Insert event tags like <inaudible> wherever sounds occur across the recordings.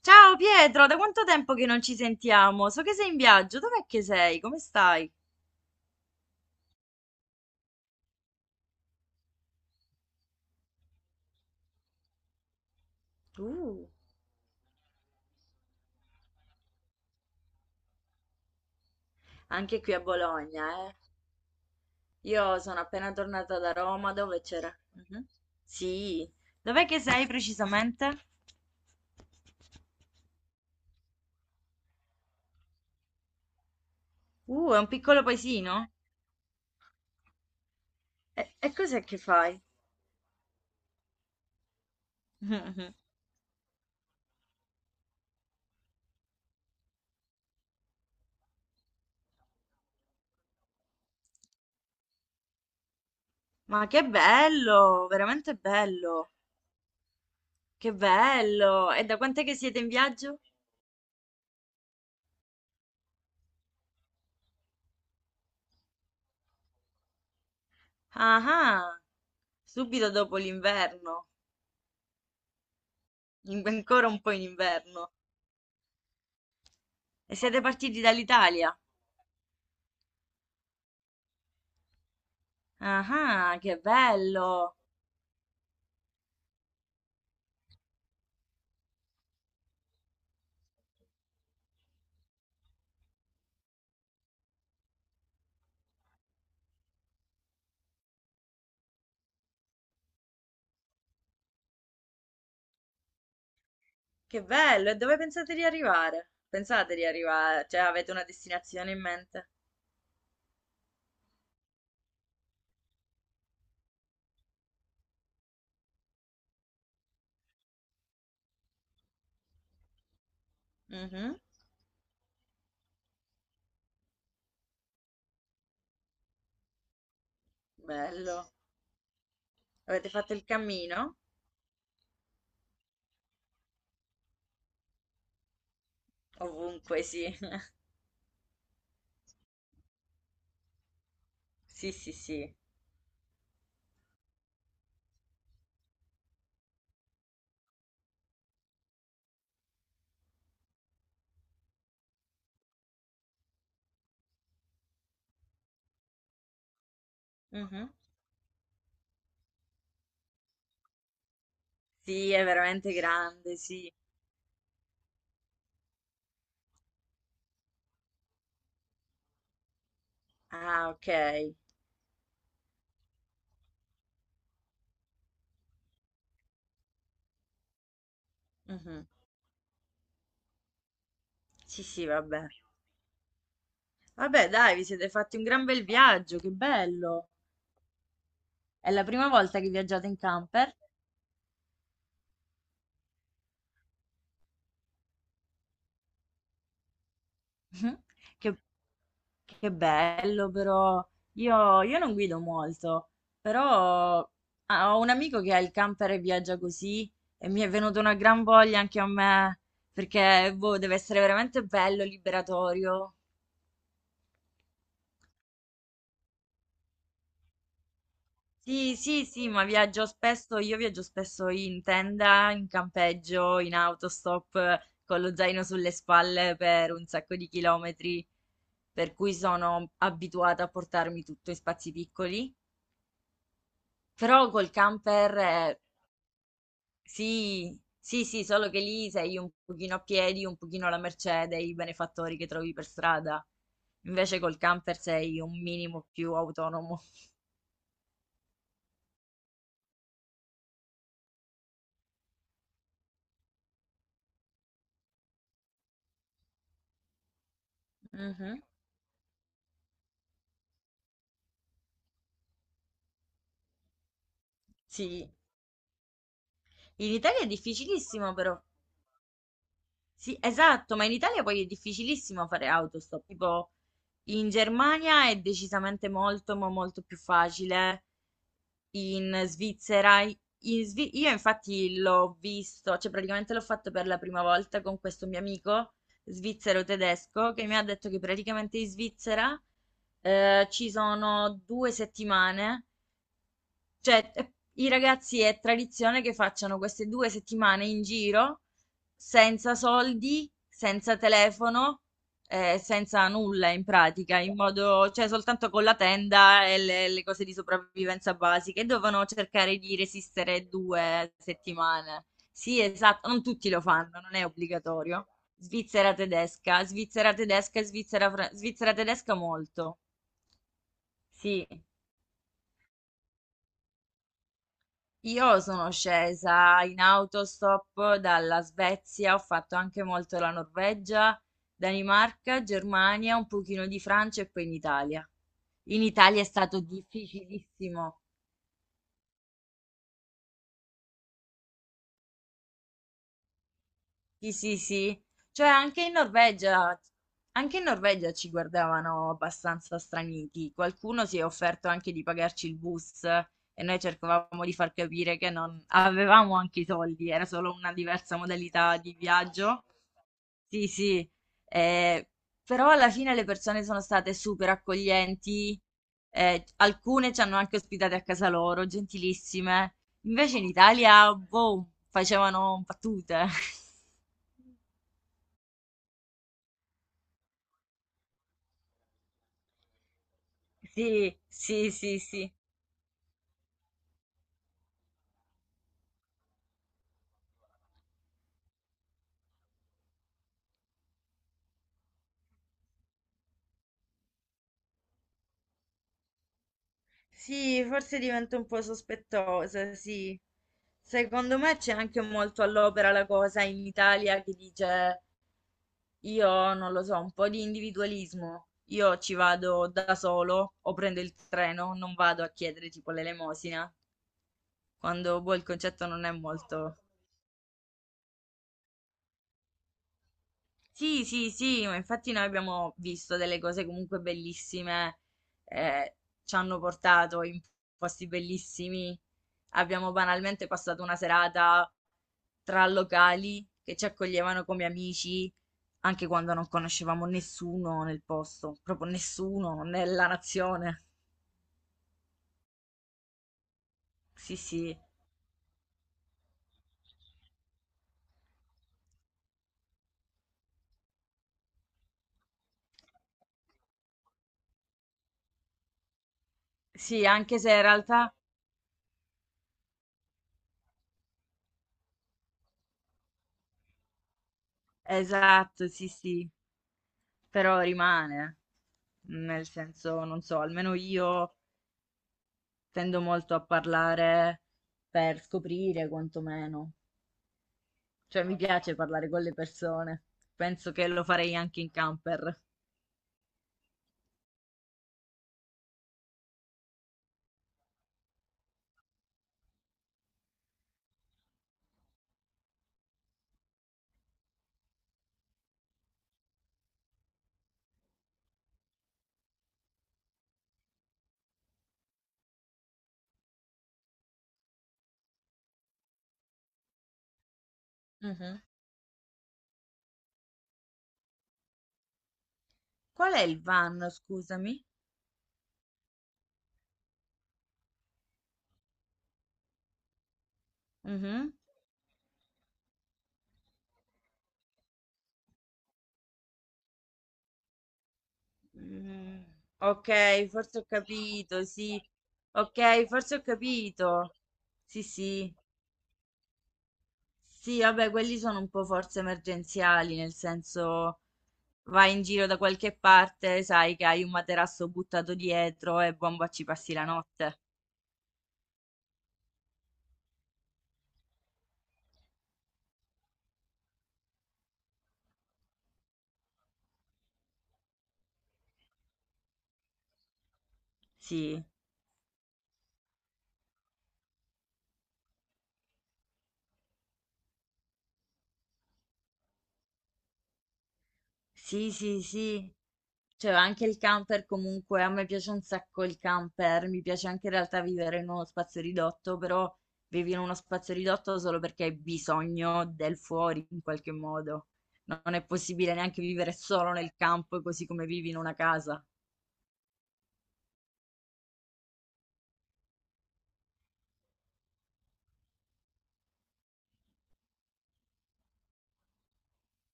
Ciao Pietro, da quanto tempo che non ci sentiamo? So che sei in viaggio, dov'è che sei? Come stai? Uh, anche qui a Bologna, eh. Io sono appena tornata da Roma, dove c'era? Mhm. Sì, dov'è che sei precisamente? È un piccolo paesino? E cos'è che fai? <laughs> Ma che bello, veramente bello, che bello. E da quant'è che siete in viaggio? Ah, ah, subito dopo l'inverno, ancora un po' in inverno. E siete partiti dall'Italia? Ah, ah, che bello! Che bello! E dove pensate di arrivare? Pensate di arrivare? Cioè, avete una destinazione in mente? Mhm. Bello. Avete fatto il cammino? Ovunque, sì. <laughs> Sì, sì, sì. Mhm. Sì, è veramente grande, sì. Ah, ok. Mhm. Sì, sì, vabbè. Vabbè, dai, vi siete fatti un gran bel viaggio, che bello. È la prima volta che viaggiate in camper? <laughs> Mhm. Che Che bello però, io non guido molto, però ah, ho un amico che ha il camper e viaggia così e mi è venuta una gran voglia anche a me, perché boh, deve essere veramente bello, liberatorio. Sì, sì, sì, ma viaggio spesso, io viaggio spesso in tenda, in campeggio, in autostop, con lo zaino sulle spalle per un sacco di chilometri, per cui sono abituata a portarmi tutto in spazi piccoli. Però col camper. Sì, sì, sì, solo che lì sei un pochino a piedi, un pochino alla mercé dei benefattori che trovi per strada. Invece col camper sei un minimo più autonomo. Mhm. Sì, in Italia è difficilissimo però. Sì, esatto, ma in Italia poi è difficilissimo fare autostop. Tipo, in Germania è decisamente molto, ma molto più facile. In Svizzera, io infatti l'ho visto, cioè praticamente l'ho fatto per la prima volta con questo mio amico svizzero tedesco che mi ha detto che praticamente in Svizzera ci sono due settimane, cioè, i ragazzi è tradizione che facciano queste due settimane in giro senza soldi, senza telefono, senza nulla in pratica, in modo, cioè soltanto con la tenda e le cose di sopravvivenza basiche. Dovevano cercare di resistere due settimane. Sì, esatto, non tutti lo fanno, non è obbligatorio. Svizzera tedesca, Svizzera tedesca, Svizzera, Svizzera tedesca molto. Sì. Io sono scesa in autostop dalla Svezia, ho fatto anche molto la Norvegia, Danimarca, Germania, un pochino di Francia e poi in Italia. In Italia è stato difficilissimo. Sì, sì, sì. Cioè anche in Norvegia ci guardavano abbastanza straniti. Qualcuno si è offerto anche di pagarci il bus e noi cercavamo di far capire che non avevamo anche i soldi, era solo una diversa modalità di viaggio. Sì, sì, eh, però alla fine le persone sono state super accoglienti, alcune ci hanno anche ospitate a casa loro, gentilissime. Invece in Italia, boh, facevano battute. <laughs> Sì, sì, sì, sì. Sì, forse divento un po' sospettosa, sì. Secondo me c'è anche molto all'opera la cosa in Italia che dice. Io non lo so, un po' di individualismo. Io ci vado da solo o prendo il treno, non vado a chiedere tipo l'elemosina, quando boh, il concetto non è molto. Sì, sì, sì, ma infatti noi abbiamo visto delle cose comunque bellissime, eh, ci hanno portato in posti bellissimi, abbiamo banalmente passato una serata tra locali che ci accoglievano come amici, anche quando non conoscevamo nessuno nel posto, proprio nessuno nella nazione. Sì, sì, sì, anche se in realtà, esatto, sì, sì, però rimane, nel senso, non so, almeno io tendo molto a parlare per scoprire quantomeno, cioè mi piace parlare con le persone. Penso che lo farei anche in camper. Mhm. Qual è il van, scusami? Mhm. Mm, ok, forse ho capito, sì. Ok, forse ho capito. Sì, sì. Sì, vabbè, quelli sono un po' forse emergenziali, nel senso vai in giro da qualche parte, sai che hai un materasso buttato dietro e bomba ci passi la notte. Sì, sì, sì, sì. Cioè, anche il camper comunque, a me piace un sacco il camper, mi piace anche in realtà vivere in uno spazio ridotto, però vivi in uno spazio ridotto solo perché hai bisogno del fuori in qualche modo. Non è possibile neanche vivere solo nel campo così come vivi in una casa.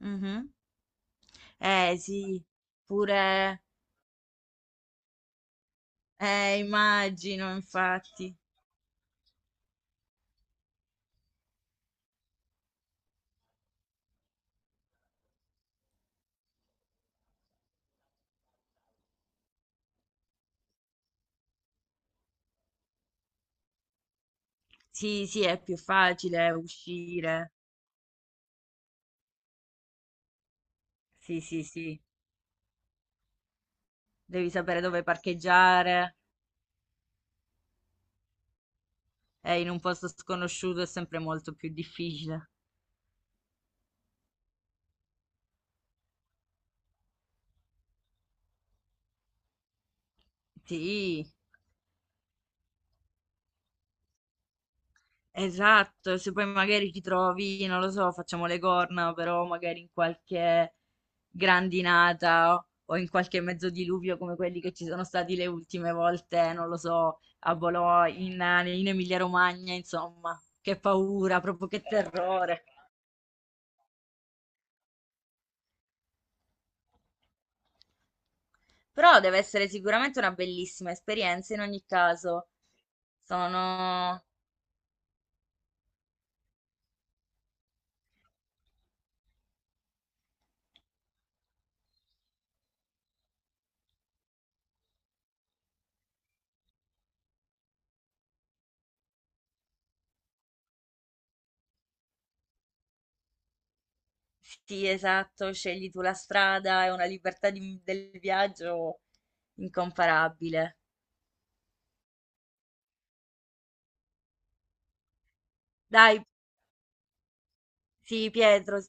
Mhm. Eh sì, pure, immagino, infatti. Sì, sì, è più facile uscire. Sì, sì, sì. Devi sapere dove parcheggiare. In un posto sconosciuto è sempre molto più difficile. Sì, esatto. Se poi magari ti trovi, non lo so, facciamo le corna, però magari in qualche grandinata o in qualche mezzo diluvio come quelli che ci sono stati le ultime volte, non lo so, a Bologna, in Emilia-Romagna, insomma. Che paura, proprio che terrore. Però deve essere sicuramente una bellissima esperienza in ogni caso. Sono Sì, esatto, scegli tu la strada, è una libertà del viaggio incomparabile. Dai, sì, Pietro,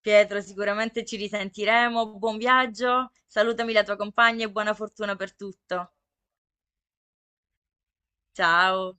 Pietro, sicuramente ci risentiremo. Buon viaggio, salutami la tua compagna e buona fortuna per tutto. Ciao.